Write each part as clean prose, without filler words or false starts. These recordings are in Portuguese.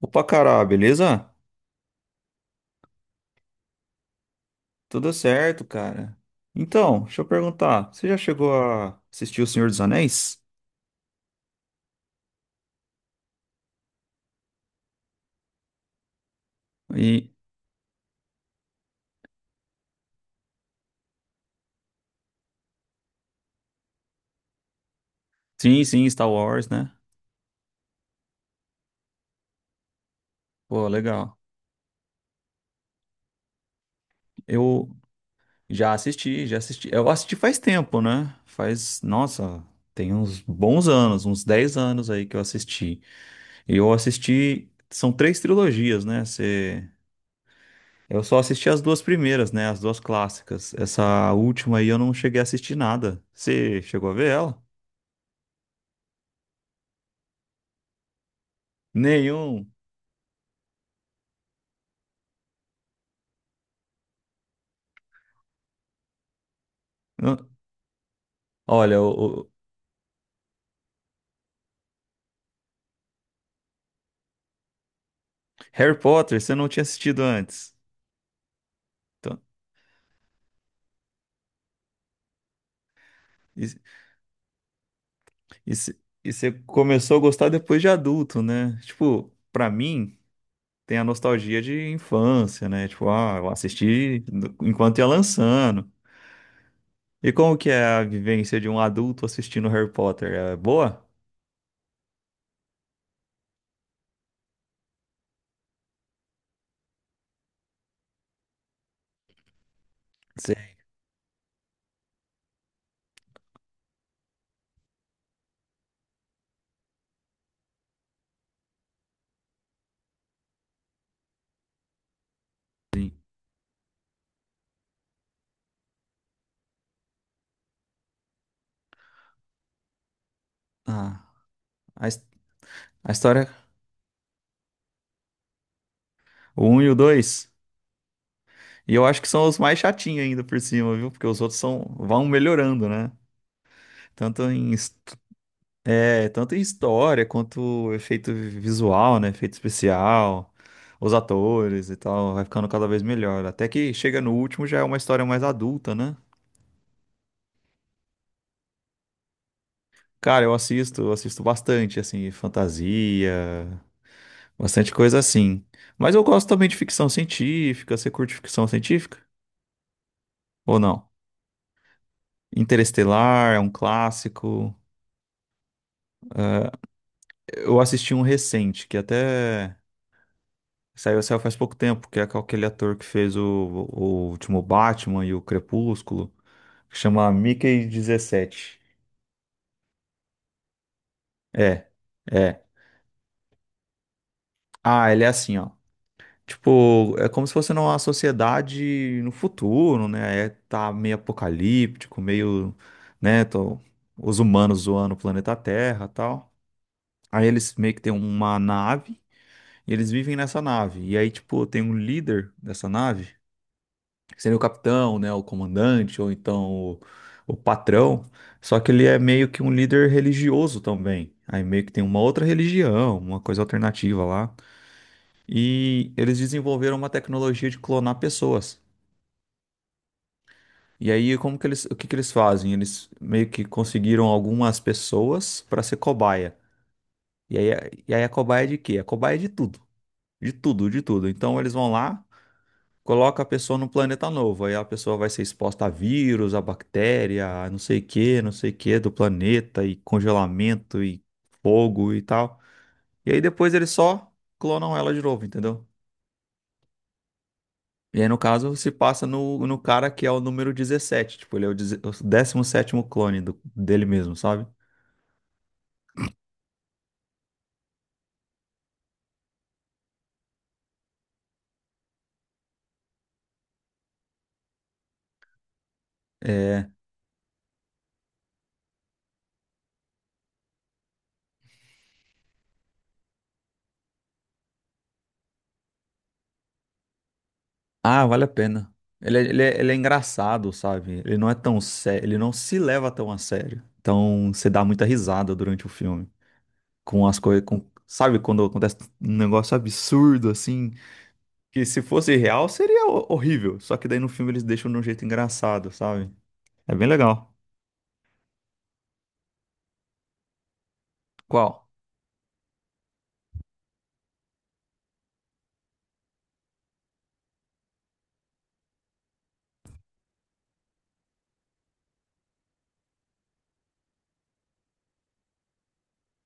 Opa, cara, beleza? Tudo certo, cara. Então, deixa eu perguntar, você já chegou a assistir O Senhor dos Anéis? E sim, sim, Star Wars, né? Pô, legal. Eu já assisti, já assisti. Eu assisti faz tempo, né? Nossa, tem uns bons anos, uns 10 anos aí que eu assisti. E eu assisti, são três trilogias, né? Você... Eu só assisti as duas primeiras, né? As duas clássicas. Essa última aí eu não cheguei a assistir nada. Você chegou a ver ela? Nenhum. Não- Olha, o Harry Potter você não tinha assistido antes. Então, e, e cê- e você começou a gostar depois de adulto, né? Tipo, pra mim, tem a nostalgia de infância, né? Tipo, ah, eu assisti enquanto ia lançando. E como que é a vivência de um adulto assistindo Harry Potter? É boa? Sei. Ah, a, his- a história, o 1 e o 2. E eu acho que são os mais chatinhos ainda por cima, viu? Porque os outros vão melhorando, né? Tanto em, his- Tanto em história quanto efeito visual, né? Efeito especial, os atores e tal, vai ficando cada vez melhor. Até que chega no último já é uma história mais adulta, né? Cara, eu assisto bastante, assim, fantasia, bastante coisa assim. Mas eu gosto também de ficção científica. Você curte ficção científica? Ou não? Interestelar é um clássico. Eu assisti um recente, que até. Saiu faz pouco tempo, que é com aquele ator que fez o, último Batman e o Crepúsculo, que chama Mickey 17. É, é. Ah, ele é assim, ó. Tipo, é como se fosse numa sociedade no futuro, né? É, tá meio apocalíptico, meio, né? Os humanos zoando o planeta Terra e tal. Aí eles meio que têm uma nave e eles vivem nessa nave. E aí, tipo, tem um líder dessa nave seria o capitão, né, o comandante ou então o, patrão, só que ele é meio que um líder religioso também. Aí meio que tem uma outra religião, uma coisa alternativa lá. E eles desenvolveram uma tecnologia de clonar pessoas. E aí o que que eles fazem? Eles meio que conseguiram algumas pessoas para ser cobaia. E aí, a- e aí a cobaia é de quê? A cobaia é de tudo. De tudo, de tudo. Então eles vão lá coloca a pessoa num planeta novo. Aí a pessoa vai ser exposta a vírus, a bactéria, a não sei o que, não sei o que do planeta, e congelamento, e fogo e tal. E aí depois eles só clonam ela de novo, entendeu? E aí, no caso, se passa no, cara que é o número 17. Tipo, ele é o 17º clone dele mesmo, sabe? É. Ah, vale a pena. Ele é engraçado, sabe? Ele não é tão sério, ele não se leva tão a sério. Então, você dá muita risada durante o filme. Com as coisas, sabe quando acontece um negócio absurdo assim, que se fosse real seria horrível, só que daí no filme eles deixam de um jeito engraçado, sabe? É bem legal. Qual?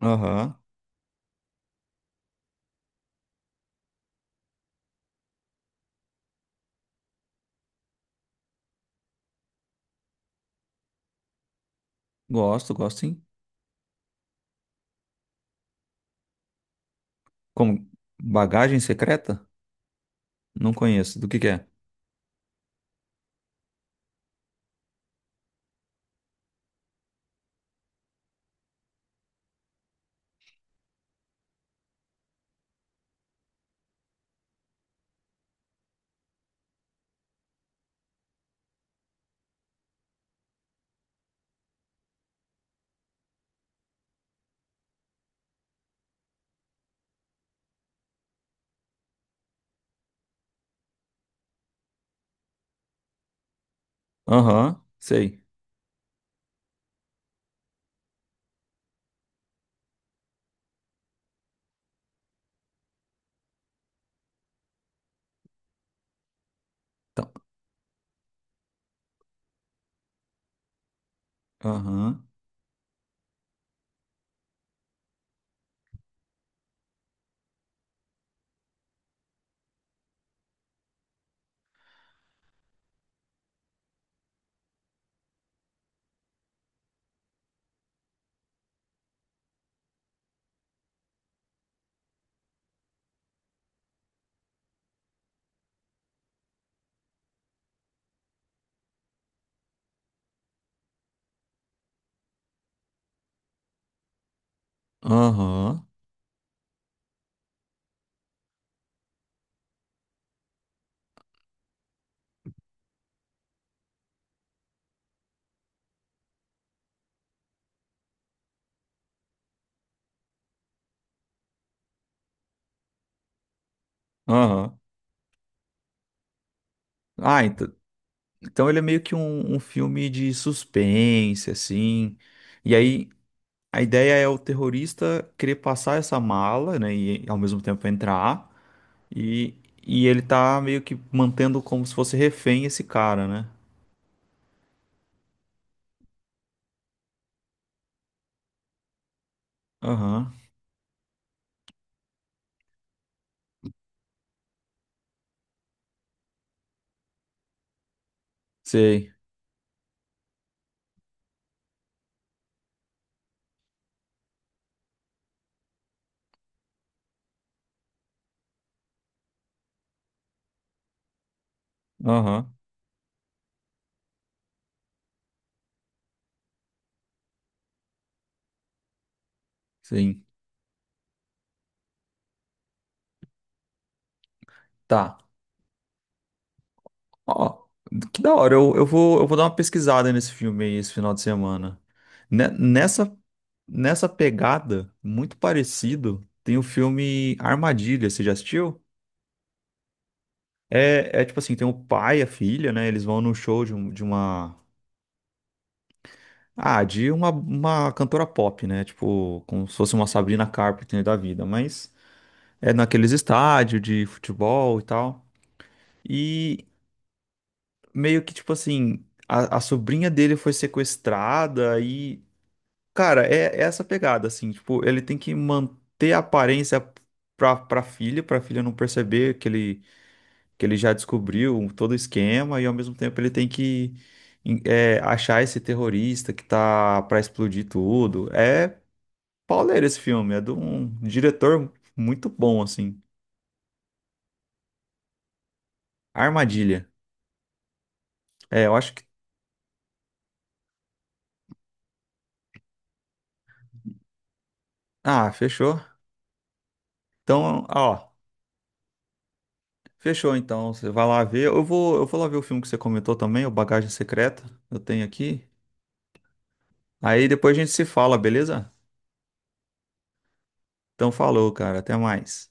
Aham. Gosto, gosto sim. Como Bagagem Secreta? Não conheço. Do que é? Aham, sei. Então, aham, aham, aham. Ah, então ele é meio que um filme de suspense, assim. E aí, a ideia é o terrorista querer passar essa mala, né, e ao mesmo tempo entrar, e, e ele tá meio que mantendo como se fosse refém esse cara, né? Aham, sei. Aham, sim. Tá. Ó, que da hora, eu vou dar uma pesquisada nesse filme aí esse final de semana. Ne- Nessa, nessa pegada, muito parecido, tem o filme Armadilha, você já assistiu? É tipo assim, tem o pai e a filha, né? Eles vão num show de, um- de uma Ah, de uma cantora pop, né? Tipo, como se fosse uma Sabrina Carpenter da vida, mas é naqueles estádios de futebol e tal. E meio que, tipo assim, a sobrinha dele foi sequestrada e, cara, é essa pegada, assim, tipo, ele tem que manter a aparência pra filha não perceber que ele já descobriu todo o esquema e ao mesmo tempo ele tem que. Achar esse terrorista que tá pra explodir tudo. É pauleira esse filme. É de um diretor muito bom, assim. Armadilha. É, eu acho que. Ah, fechou. Então, ó, fechou então. Você vai lá ver. Eu vou lá ver o filme que você comentou também, o Bagagem Secreta. Eu tenho aqui. Aí depois a gente se fala, beleza? Então falou, cara. Até mais.